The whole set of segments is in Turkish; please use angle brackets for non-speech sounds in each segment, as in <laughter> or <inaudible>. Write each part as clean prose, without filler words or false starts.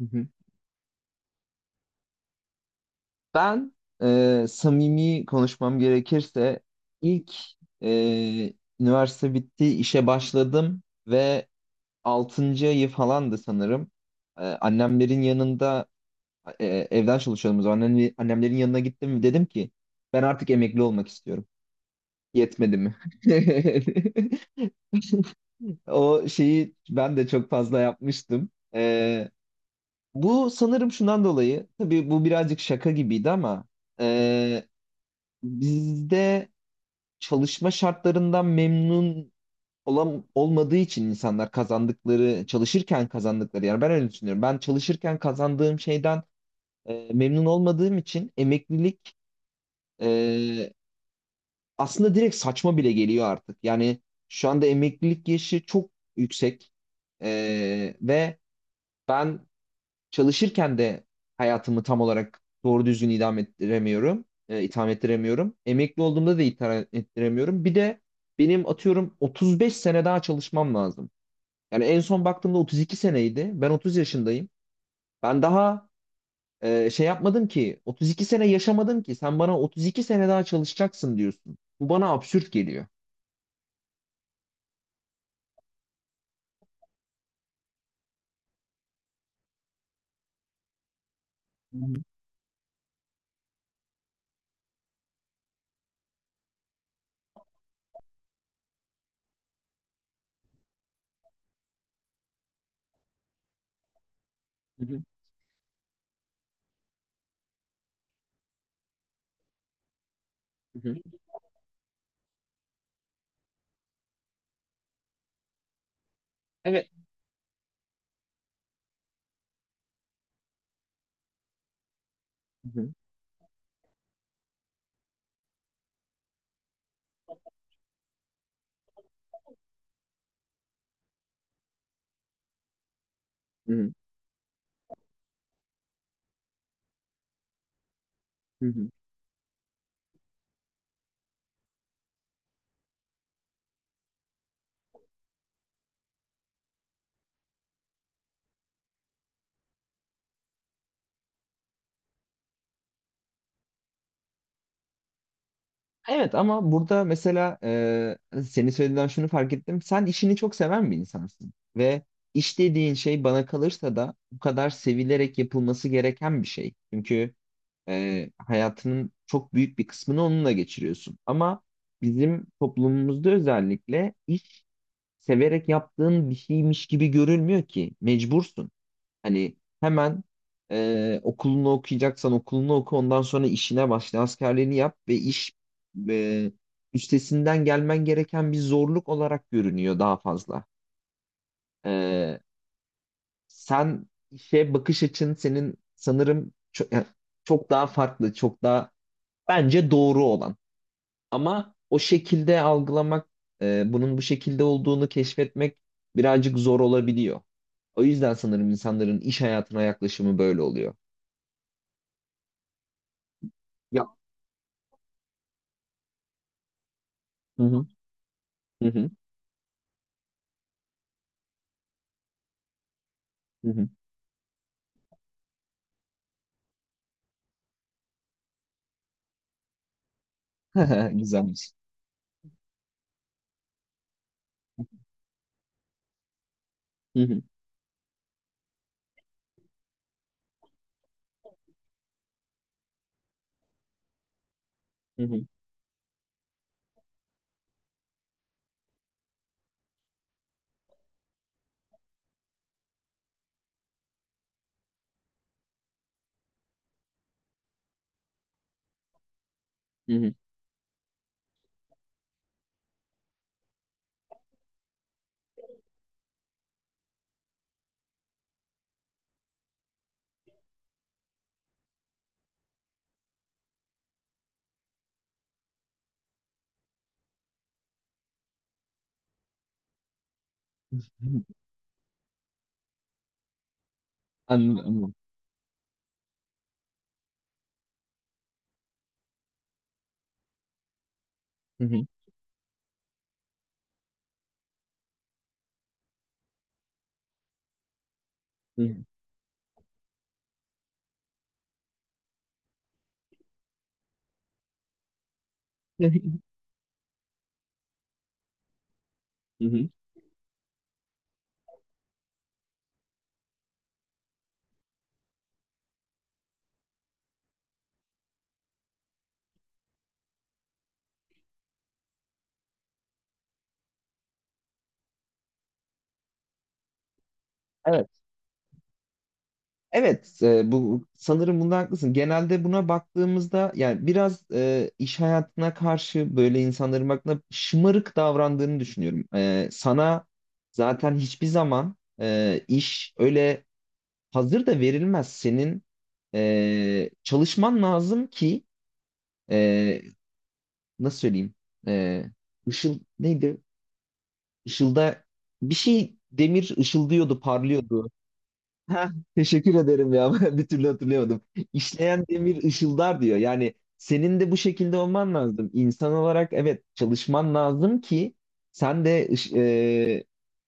Hı hı. Ben samimi konuşmam gerekirse ilk e, üniversite bitti, işe başladım ve 6. ayı falandı sanırım. Annemlerin yanında e, evden çalışıyordum o zaman. Annemlerin yanına gittim, dedim ki ben artık emekli olmak istiyorum. Yetmedi mi? <laughs> O şeyi ben de çok fazla yapmıştım. E, Bu sanırım şundan dolayı, tabii bu birazcık şaka gibiydi ama bizde çalışma şartlarından memnun olan olmadığı için insanlar kazandıkları çalışırken kazandıkları, yani ben öyle düşünüyorum. Ben çalışırken kazandığım şeyden memnun olmadığım için emeklilik e, aslında direkt saçma bile geliyor artık. Yani şu anda emeklilik yaşı çok yüksek. Ve ben çalışırken de hayatımı tam olarak doğru düzgün idam ettiremiyorum. İtham ettiremiyorum. Emekli olduğumda da itham ettiremiyorum. Bir de benim atıyorum 35 sene daha çalışmam lazım. Yani en son baktığımda 32 seneydi. Ben 30 yaşındayım. Ben daha şey yapmadım ki, 32 sene yaşamadım ki sen bana 32 sene daha çalışacaksın diyorsun. Bu bana absürt geliyor. Hı hı, hı hı, hı hı. Evet. Hı hı, hı hı, hı hı. Evet, ama burada mesela senin söylediğinden şunu fark ettim. Sen işini çok seven bir insansın. Ve iş dediğin şey bana kalırsa da bu kadar sevilerek yapılması gereken bir şey. Çünkü hayatının çok büyük bir kısmını onunla geçiriyorsun. Ama bizim toplumumuzda özellikle iş severek yaptığın bir şeymiş gibi görülmüyor ki. Mecbursun. Hani hemen okulunu okuyacaksan okulunu oku, ondan sonra işine başla. Askerliğini yap ve iş e, üstesinden gelmen gereken bir zorluk olarak görünüyor daha fazla. E, Sen, işe bakış açın senin sanırım çok, yani çok daha farklı, çok daha bence doğru olan. Ama o şekilde algılamak, bunun bu şekilde olduğunu keşfetmek birazcık zor olabiliyor. O yüzden sanırım insanların iş hayatına yaklaşımı böyle oluyor. Hı hı. Hı hı. Hı hı. <laughs> Güzelmiş. Hı hı. Hı hı. Hı hı. Anladım, anladım. Hı hı. Hı hı. <laughs> Hı hı. Evet. Evet, bu sanırım bunda haklısın. Genelde buna baktığımızda, yani biraz iş hayatına karşı böyle insanların baktığında şımarık davrandığını düşünüyorum. Sana zaten hiçbir zaman iş öyle hazır da verilmez. Senin çalışman lazım ki, e, nasıl söyleyeyim? Ee, ışıl neydi? Işılda bir şey, demir ışıldıyordu, parlıyordu. Ha, <laughs> teşekkür ederim ya. <laughs> Ben bir türlü hatırlayamadım. İşleyen demir ışıldar diyor. Yani senin de bu şekilde olman lazım. İnsan olarak, evet, çalışman lazım ki sen de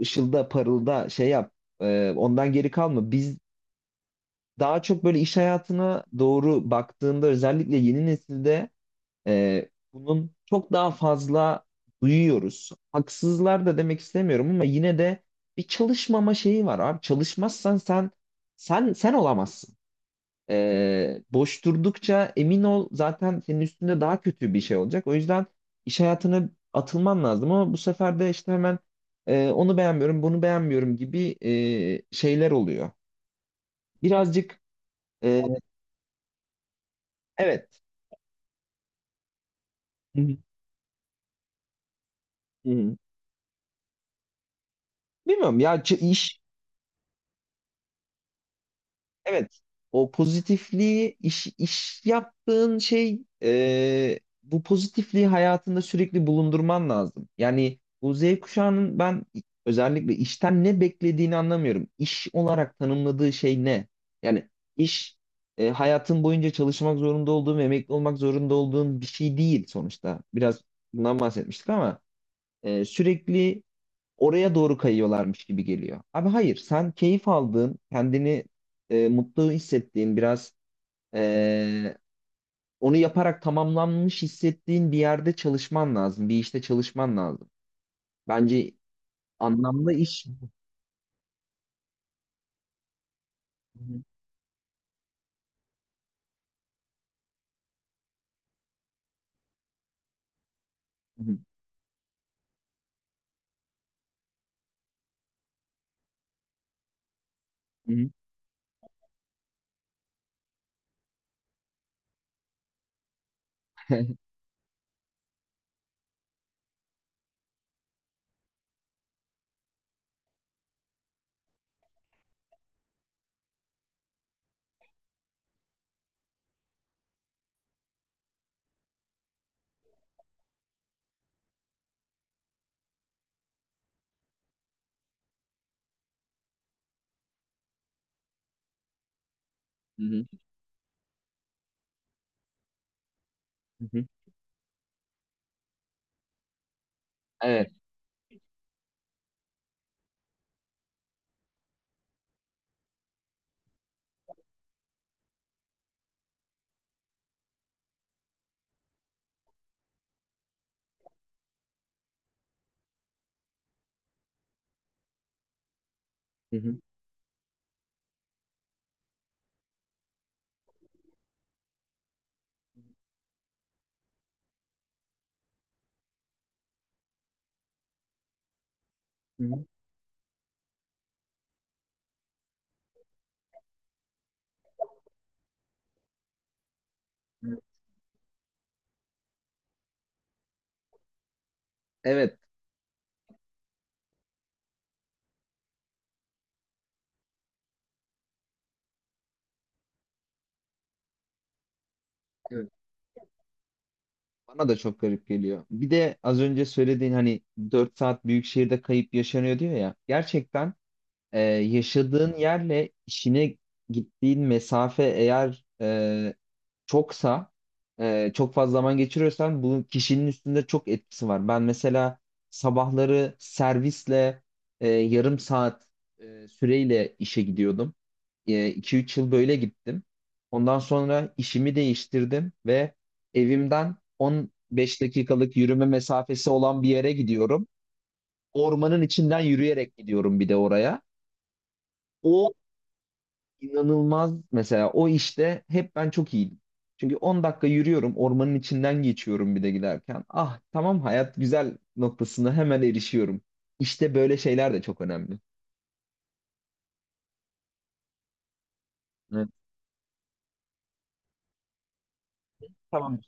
ışılda, parılda, şey yap. Ondan geri kalma. Biz daha çok böyle iş hayatına doğru baktığında, özellikle yeni nesilde bunun çok daha fazla duyuyoruz. Haksızlar da demek istemiyorum, ama yine de bir çalışmama şeyi var abi. Çalışmazsan sen sen olamazsın. Boş durdukça emin ol, zaten senin üstünde daha kötü bir şey olacak. O yüzden iş hayatına atılman lazım, ama bu sefer de işte hemen onu beğenmiyorum, bunu beğenmiyorum gibi şeyler oluyor. Birazcık, e, evet. Hı hı. Hı hı. Bilmiyorum ya, iş. Evet, o pozitifliği iş yaptığın şey, bu pozitifliği hayatında sürekli bulundurman lazım. Yani bu Z kuşağının ben özellikle işten ne beklediğini anlamıyorum. İş olarak tanımladığı şey ne? Yani iş hayatın boyunca çalışmak zorunda olduğun, emekli olmak zorunda olduğun bir şey değil sonuçta. Biraz bundan bahsetmiştik, ama sürekli oraya doğru kayıyorlarmış gibi geliyor. Abi hayır, sen keyif aldığın, kendini mutlu hissettiğin, biraz e, onu yaparak tamamlanmış hissettiğin bir yerde çalışman lazım, bir işte çalışman lazım. Bence anlamlı iş. Hı hı, hı hı, hı hı, hı hı, hı hı. Evet. Hı hı, hı hı, hı. Evet. Evet. Bana da çok garip geliyor. Bir de az önce söylediğin, hani 4 saat büyük şehirde kayıp yaşanıyor diyor ya. Gerçekten yaşadığın yerle işine gittiğin mesafe eğer çoksa, çok fazla zaman geçiriyorsan, bu kişinin üstünde çok etkisi var. Ben mesela sabahları servisle yarım saat süreyle işe gidiyordum. 2-3 yıl böyle gittim. Ondan sonra işimi değiştirdim ve evimden 15 dakikalık yürüme mesafesi olan bir yere gidiyorum. Ormanın içinden yürüyerek gidiyorum bir de oraya. O inanılmaz, mesela o işte hep ben çok iyiydim. Çünkü 10 dakika yürüyorum, ormanın içinden geçiyorum bir de giderken. Ah, tamam, hayat güzel noktasına hemen erişiyorum. İşte böyle şeyler de çok önemli. Evet. Tamam.